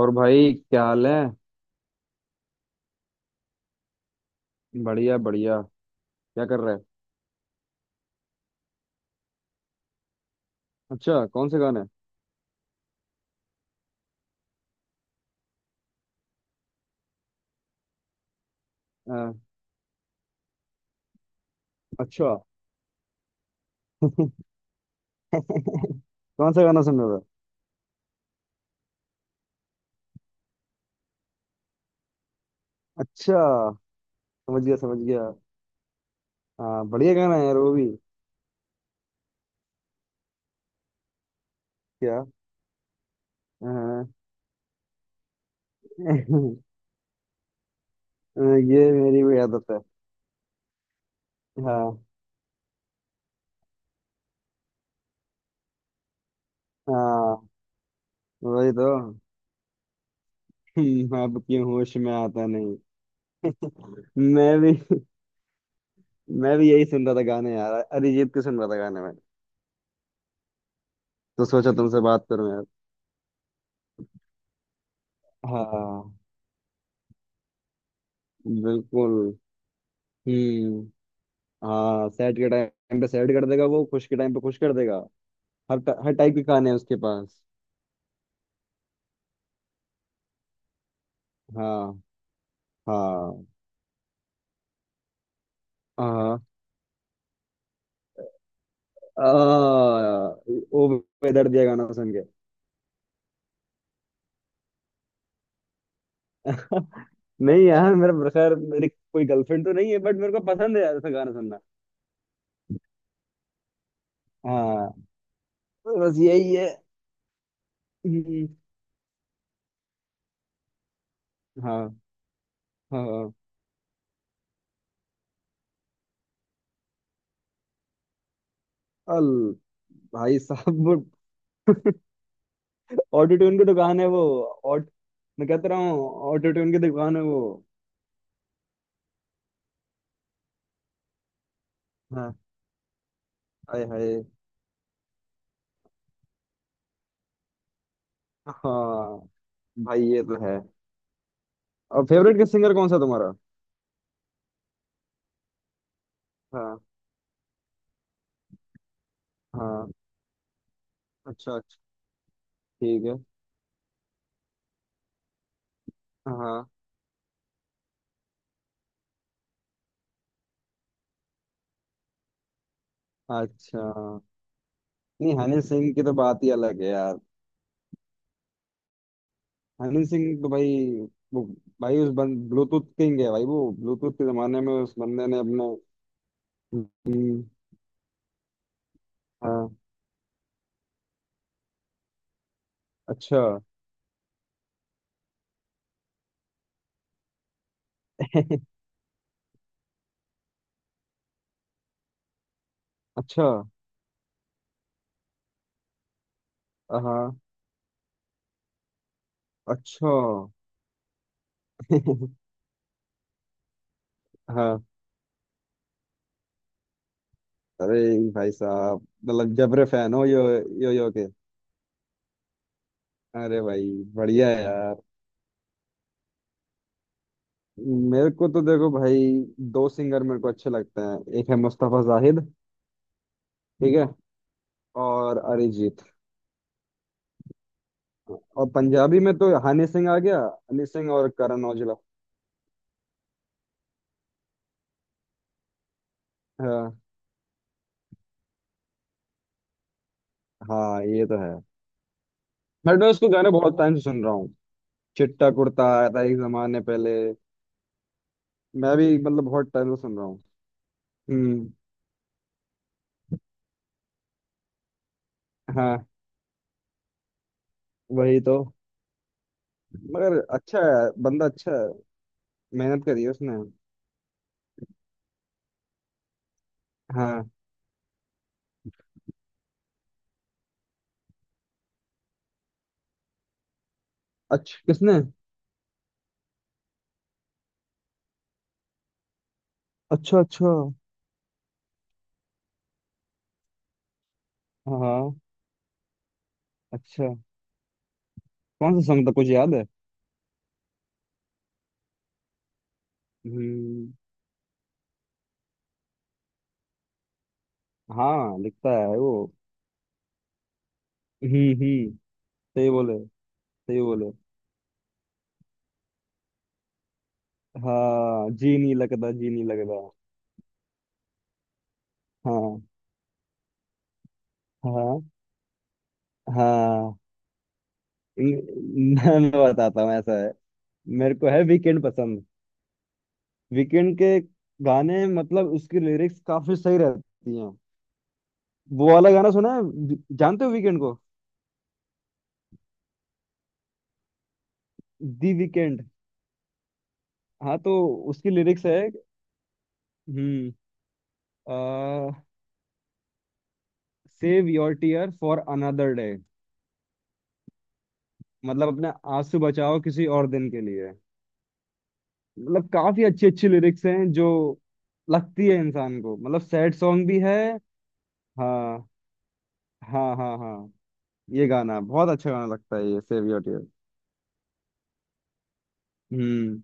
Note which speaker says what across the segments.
Speaker 1: और भाई, क्या हाल है। बढ़िया बढ़िया। क्या कर रहे हैं? अच्छा, कौन से गाने? अ, अच्छा। कौन सा गाना सुन रहे हो? अच्छा समझ गया समझ गया। हाँ, बढ़िया गाना है यार वो भी। क्या? अ, ये मेरी भी आदत है। हाँ। हाँ वही तो। अब क्यों होश में आता नहीं। मैं भी मैं भी यही सुन रहा था गाने यार, अरिजीत के सुन रहा था गाने में। तो सोचा तुमसे बात करूं यार। हाँ। बिल्कुल। हम्म। हाँ सैड के टाइम पे सैड कर देगा, वो खुश के टाइम पे खुश कर देगा। हर टाइप के गाने हैं उसके पास। हाँ। हाँ। हाँ। आ, ओ बेदर्द दिया गाना सुन के। नहीं यार, मेरा खैर मेरी कोई गर्लफ्रेंड तो नहीं है, बट मेरे को पसंद है यार ऐसा गाना सुनना। हाँ। बस यही है। हम्म। हाँ हाँ हाँ। अल भाई साहब। ऑटो ट्यून की दुकान है वो। ऑट मैं कहता रहा हूँ ऑटो ट्यून की दुकान है वो। हाँ। हाय हाय। हाँ, भाई ये तो है। और फेवरेट किस सिंगर कौन सा तुम्हारा? हाँ। हाँ। अच्छा अच्छा, ठीक है। हाँ। अच्छा। नहीं, हनी सिंह की तो बात ही अलग है यार। हनी सिंह तो भाई, वो, भाई उस बंद ब्लूटूथ किंग है भाई, वो ब्लूटूथ के जमाने में उस बंदे ने अपने। हम्म। हाँ। अच्छा। अच्छा। हाँ। अच्छा। हाँ। अरे भाई साहब, मतलब जबरे फैन हो यो यो यो के। अरे भाई बढ़िया है यार। मेरे को तो देखो भाई, दो सिंगर मेरे को अच्छे लगते हैं, एक है मुस्तफा जाहिद। ठीक है। और अरिजीत। और पंजाबी में तो हनी सिंह आ गया। हनी सिंह और करण औजला। हाँ। हाँ ये तो है। बट मैं उसको गाने बहुत टाइम से सुन रहा हूँ। चिट्टा कुर्ता आया था एक जमाने पहले। मैं भी मतलब बहुत टाइम से सुन रहा हूँ। हम्म। हाँ वही तो। मगर अच्छा है, बंदा अच्छा है। मेहनत करी है उसने। हाँ। अच्छा किसने? अच्छा अच्छा। हाँ। अच्छा कौन सा सॉन्ग था, कुछ याद है? हम्म। हाँ लिखता है वो। हम्म। सही बोले। सही बोले। हाँ जी नहीं लगता, जी नहीं लगता। हाँ हाँ हाँ। मैं बताता हूँ ऐसा है। मेरे को है वीकेंड पसंद। वीकेंड के गाने मतलब उसकी लिरिक्स काफी सही रहती हैं। वो वाला गाना सुना है, जानते हो वीकेंड को? The Weeknd. हाँ तो उसकी लिरिक्स है। हम्म। Save your tear for another day. मतलब अपने आंसू बचाओ किसी और दिन के लिए। मतलब काफी अच्छी अच्छी लिरिक्स हैं जो लगती है इंसान को, मतलब सैड सॉन्ग भी है। हाँ हाँ हाँ हाँ। ये गाना बहुत अच्छा गाना लगता है ये सेव योर टीयर। हम्म।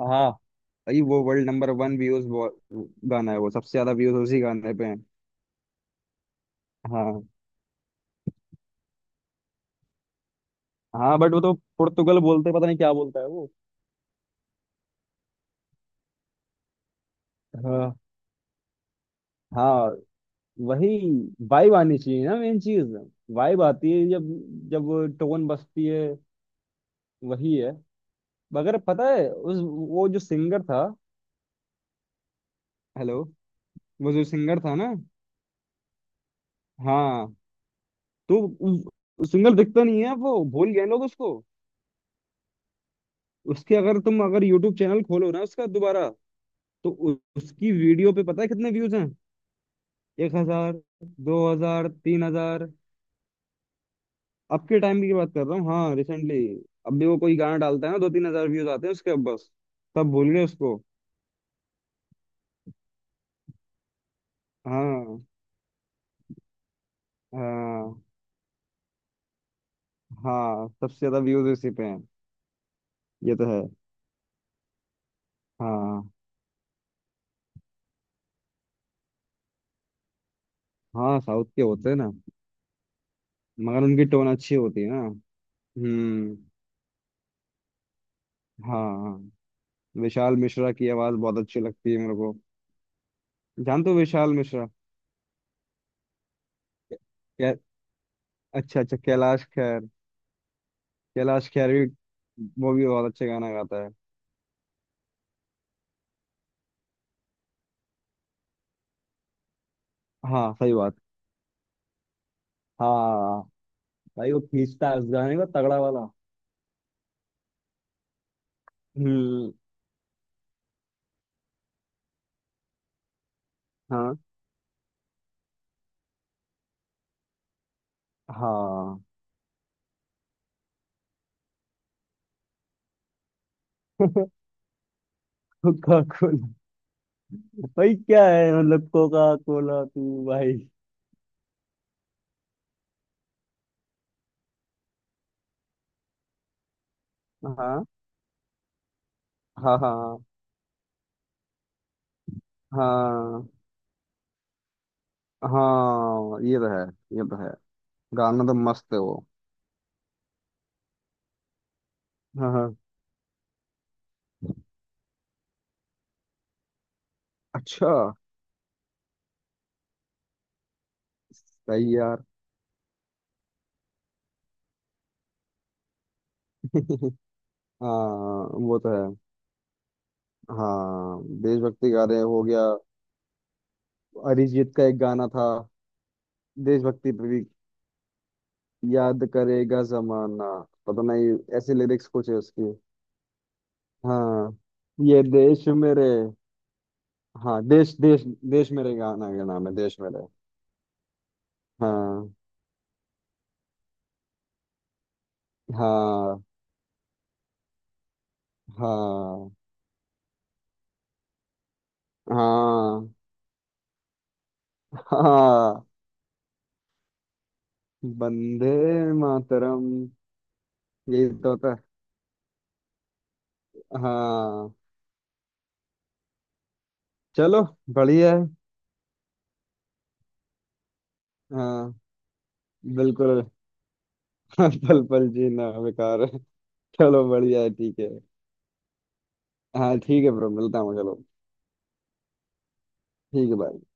Speaker 1: हाँ भाई, वो वर्ल्ड नंबर 1 व्यूज गाना है वो, सबसे ज्यादा व्यूज उसी गाने पे हैं। हाँ हाँ। बट वो तो पुर्तगाल बोलते हैं, पता नहीं क्या बोलता है वो। हाँ हाँ वही। वाइब आनी चाहिए ना, मेन चीज। वाइब आती है जब जब टोन बजती है, वही है। मगर पता है उस, वो जो सिंगर था। हेलो। वो जो सिंगर था ना। हाँ। तो सिंगर दिखता नहीं है वो, भूल गए लोग उसको। उसके अगर तुम अगर यूट्यूब चैनल खोलो ना उसका दोबारा, तो उसकी वीडियो पे पता है कितने व्यूज हैं? 1,000, 2,000, 3,000। अब के टाइम की बात कर रहा हूँ, हाँ रिसेंटली। अब भी वो कोई गाना डालता है ना 2-3 हजार व्यूज आते हैं उसके अब बस। सब भूल गए उसको। हाँ हाँ। हाँ सबसे ज्यादा व्यूज इसी पे हैं। ये तो है। हाँ। हाँ साउथ के होते हैं ना। मगर उनकी टोन अच्छी होती है ना। हम्म। हाँ हाँ। विशाल मिश्रा की आवाज बहुत अच्छी लगती है मेरे को। जानते हो विशाल मिश्रा? क्या? अच्छा अच्छा, कैलाश खेर। कैलाश खेर भी। वो भी बहुत अच्छे गाना गाता है। हाँ सही बात। हाँ भाई वो खींचता है उस गाने को तगड़ा वाला। हम्म। हाँ हाँ। Coca Cola. भाई क्या है, मतलब कोका कोला तू भाई। हाँ हाँ हाँ हाँ। हाँ ये तो है। ये तो है। गाना तो मस्त है वो। हाँ हाँ। अच्छा। सही यार। हाँ वो तो है। हाँ देशभक्ति गाने हो गया। अरिजीत का एक गाना था देशभक्ति पे भी। याद करेगा जमाना, पता नहीं ऐसे लिरिक्स कुछ है उसकी। हाँ। ये देश मेरे। हाँ, देश देश, देश मेरे गाना का नाम है, देश मेरे। हाँ हाँ हाँ हाँ हाँ। बंदे मातरम। यही तो होता है। हाँ। चलो बढ़िया है। हाँ बिल्कुल। हाँ, पल पल जीना बेकार है। चलो बढ़िया है, ठीक है। हाँ ठीक है ब्रो, मिलता हूँ, चलो। ठीक है bye।